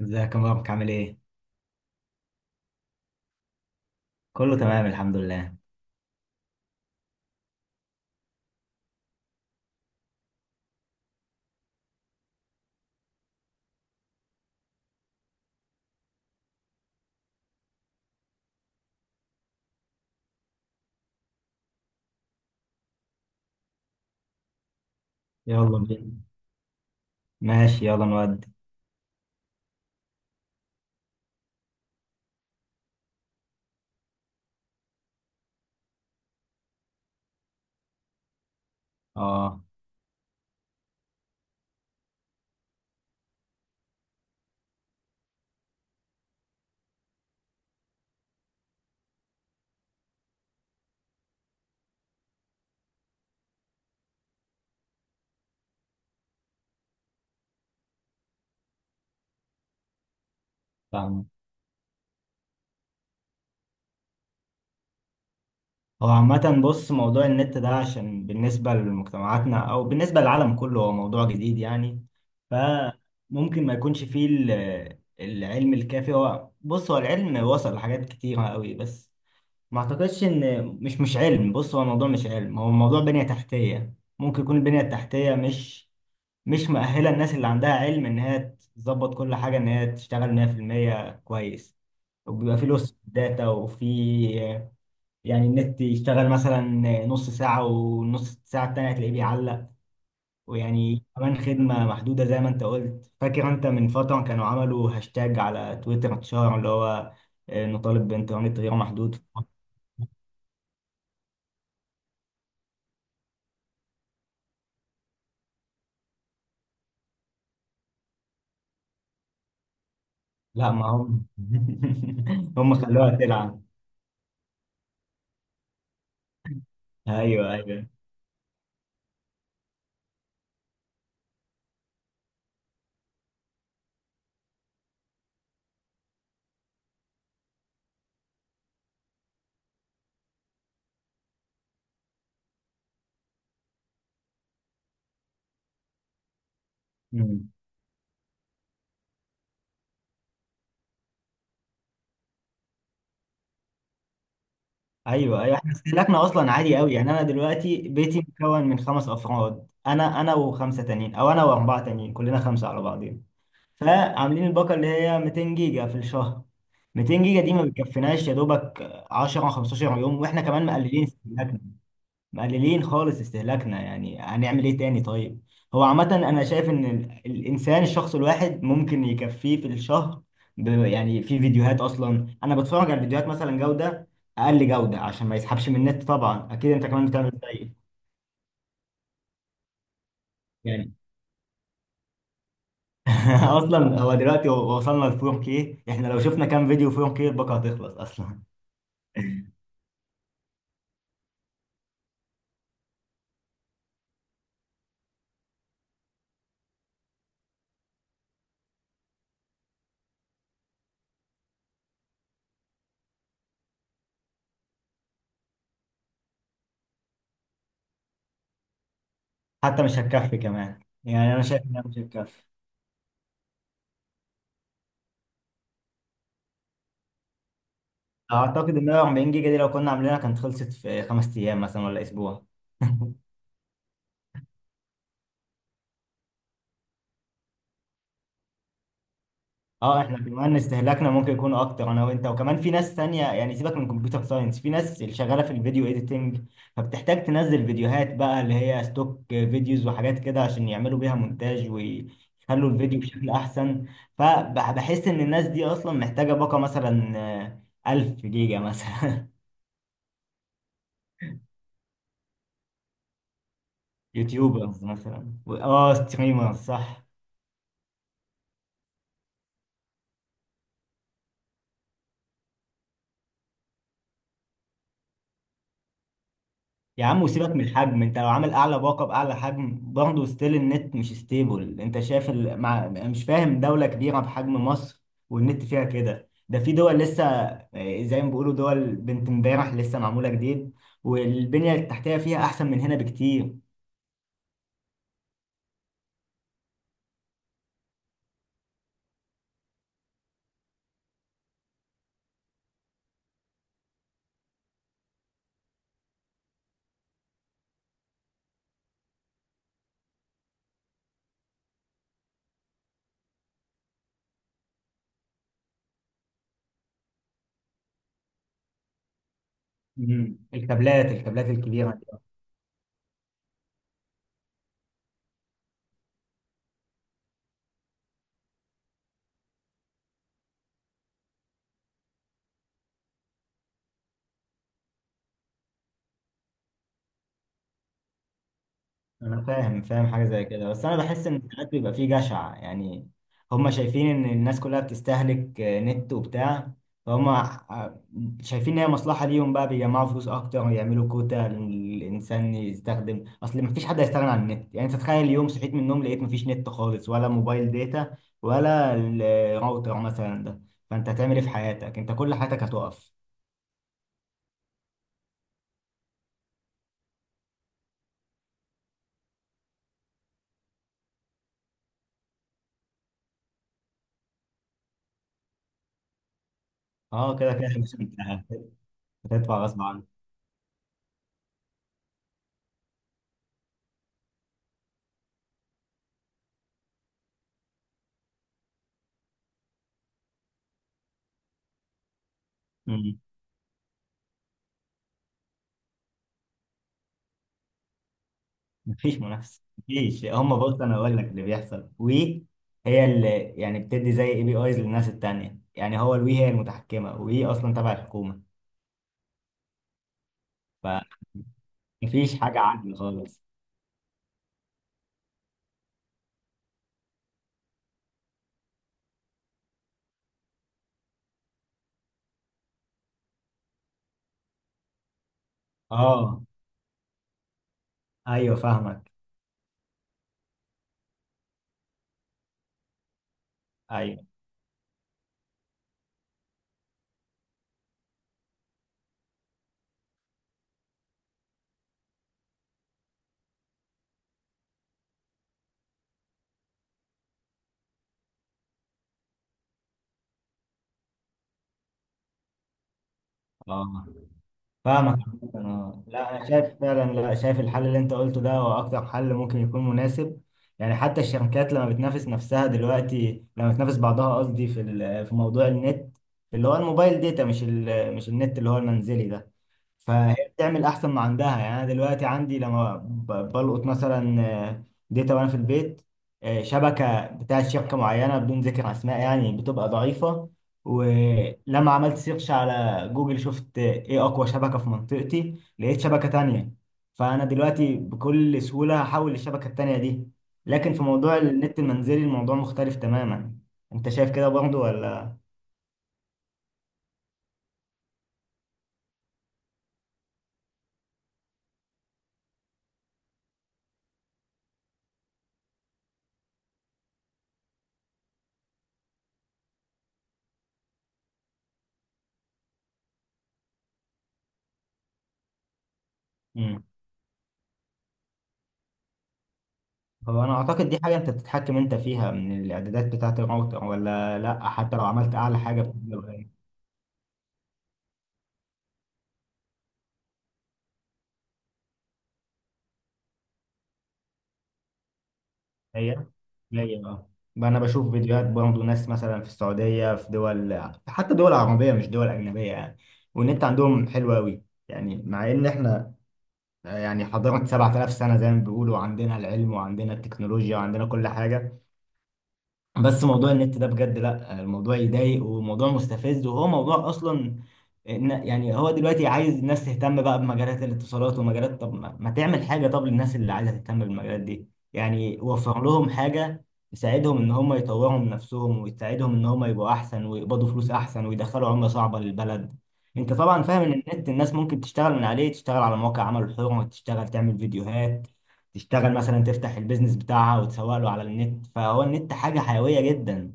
ازيك يا مبارك، عامل ايه؟ كله تمام، الحمد لله. يلا بينا. ماشي، يلا نودي. اه، فاهم. هو عامة بص، موضوع النت ده عشان بالنسبة لمجتمعاتنا أو بالنسبة للعالم كله هو موضوع جديد يعني. فممكن ما يكونش فيه العلم الكافي. هو بص، هو العلم وصل لحاجات كتيرة قوي، بس ما أعتقدش إن مش علم. بص، هو الموضوع مش علم، هو الموضوع بنية تحتية. ممكن يكون البنية التحتية مش مؤهله الناس اللي عندها علم ان هي تظبط كل حاجه، ان هي تشتغل 100% كويس. وبيبقى في لوس داتا وفي، يعني النت يشتغل مثلا نص ساعه، والنص ساعه التانيه هتلاقيه بيعلق. ويعني كمان خدمه محدوده، زي ما انت قلت. فاكر انت من فتره كانوا عملوا هاشتاج على تويتر اتشهر، اللي هو نطالب بانترنت غير محدود. لا، ما هم هم خلوها تلعب. ايوه، ايوه، ايوه، ايوه، احنا استهلاكنا اصلا عالي قوي. يعني انا دلوقتي بيتي مكون من خمس افراد، انا وخمسه تانيين، او انا واربعه تانيين، كلنا خمسه على بعضين. فعاملين الباقه اللي هي 200 جيجا في الشهر. 200 جيجا دي ما بتكفيناش يا دوبك 10 15 يوم، واحنا كمان مقللين استهلاكنا، مقللين خالص استهلاكنا. يعني هنعمل ايه تاني؟ طيب، هو عامة انا شايف ان الانسان، الشخص الواحد ممكن يكفيه في الشهر يعني في فيديوهات. اصلا انا بتفرج على الفيديوهات مثلا جودة، اقل جودة، عشان ما يسحبش من النت. طبعا اكيد انت كمان بتعمل زيي يعني. اصلا هو دلوقتي وصلنا ل 4K. احنا لو شفنا كام فيديو 4K، الباقة هتخلص اصلا. حتى مش هتكفي كمان، يعني انا شايف انها مش هتكفي. اعتقد ان 40 جيجا دي لو كنا عاملينها كانت خلصت في خمس ايام مثلا ولا اسبوع. اه، احنا كمان استهلاكنا ممكن يكون اكتر، انا وانت، وكمان في ناس تانية. يعني سيبك من كمبيوتر ساينس، في ناس اللي شغالة في الفيديو ايديتنج، فبتحتاج تنزل فيديوهات بقى اللي هي ستوك فيديوز وحاجات كده، عشان يعملوا بيها مونتاج ويخلوا الفيديو بشكل احسن. فبحس ان الناس دي اصلا محتاجة باقة مثلا 1000 جيجا مثلا. يوتيوبرز مثلا، ستريمرز، صح. يا عم، وسيبك من الحجم. انت لو عامل اعلى باقه باعلى حجم برضه ستيل النت مش ستيبل. انت شايف مش فاهم، دوله كبيره بحجم مصر والنت فيها كده؟ ده في دول لسه، اه، زي ما بيقولوا دول بنت امبارح لسه، معموله جديد، والبنيه التحتيه فيها احسن من هنا بكتير. مم. الكابلات الكبيره. انا فاهم حاجه زي كده، بس انا بحس ان ساعات بيبقى فيه جشع يعني. هم شايفين ان الناس كلها بتستهلك نت وبتاع. فهم شايفين ان هي مصلحه ليهم بقى، بيجمعوا فلوس اكتر ويعملوا كوتا. الانسان يستخدم، اصل مفيش حد هيستغنى عن النت. يعني انت تخيل اليوم صحيت من النوم لقيت مفيش نت خالص، ولا موبايل داتا، ولا الراوتر مثلا ده، فانت هتعمل ايه في حياتك؟ انت كل حياتك هتقف. اه، كده كده، مش انتهى. هتدفع غصب عنك. مفيش منافسه. مفيش. هم بص، انا اقول لك اللي بيحصل، وي هي اللي يعني بتدي زي اي بي ايز للناس التانية. يعني هو الوي هي المتحكمه، وي اصلا تبع الحكومه، فمفيش حاجه عادله خالص. اه. ايوه، فاهمك. ايوه. اه، فاهمك عامة. اه، لا، انا شايف فعلا، لا، شايف الحل اللي انت قلته ده هو اكتر حل ممكن يكون مناسب. يعني حتى الشركات لما بتنافس نفسها دلوقتي، لما بتنافس بعضها قصدي، في في موضوع النت اللي هو الموبايل داتا، مش النت اللي هو المنزلي ده. فهي بتعمل احسن ما عندها. يعني انا دلوقتي عندي، لما بلقط مثلا داتا وانا في البيت شبكه بتاعت شركه معينه بدون ذكر اسماء، يعني بتبقى ضعيفه. ولما عملت سيرش على جوجل، شفت ايه اقوى شبكه في منطقتي، لقيت شبكه تانية. فانا دلوقتي بكل سهوله هحول للشبكه التانية دي. لكن في موضوع النت المنزلي الموضوع مختلف تماما. انت شايف كده برضه ولا؟ مم. هو انا اعتقد دي حاجه انت بتتحكم انت فيها من الاعدادات بتاعه الراوتر، ولا لا. حتى لو عملت اعلى حاجه بتفضل هي هي. اه، بقى انا بشوف فيديوهات برضه ناس مثلا في السعوديه، في دول حتى دول عربيه مش دول اجنبيه يعني، والنت عندهم حلو قوي. يعني مع ان احنا، يعني حضاره 7000 سنه زي ما بيقولوا، عندنا العلم وعندنا التكنولوجيا وعندنا كل حاجه، بس موضوع النت ده بجد لا، الموضوع يضايق وموضوع مستفز. وهو موضوع اصلا، يعني هو دلوقتي عايز الناس تهتم بقى بمجالات الاتصالات ومجالات. طب ما تعمل حاجة؟ طب للناس اللي عايزة تهتم بالمجالات دي يعني وفر لهم حاجة تساعدهم ان هم يطوروا من نفسهم، وتساعدهم ان هم يبقوا احسن، ويقبضوا فلوس احسن، ويدخلوا عملة صعبة للبلد. انت طبعا فاهم ان النت الناس ممكن تشتغل من عليه، تشتغل على مواقع عمل حر، تشتغل تعمل فيديوهات، تشتغل مثلا تفتح البيزنس بتاعها وتسوق له على النت. فهو النت حاجة حيوية جدا.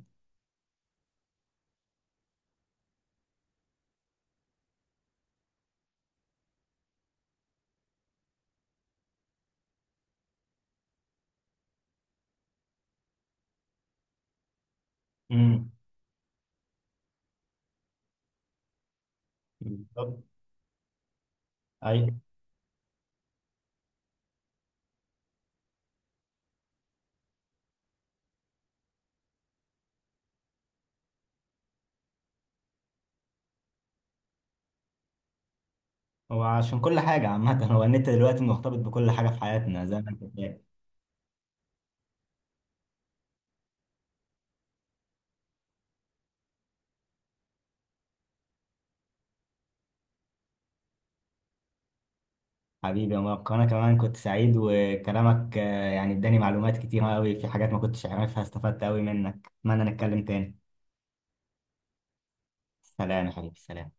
امم، بالظبط، ايوه. هو عشان كل حاجة عامة. هو النت دلوقتي مرتبط بكل حاجة في حياتنا زي ما انت شايف. حبيبي يا مبارك، انا كمان كنت سعيد، وكلامك يعني اداني معلومات كتيرة قوي في حاجات ما كنتش اعرفها، استفدت قوي منك. اتمنى نتكلم تاني. سلام يا حبيبي، سلام.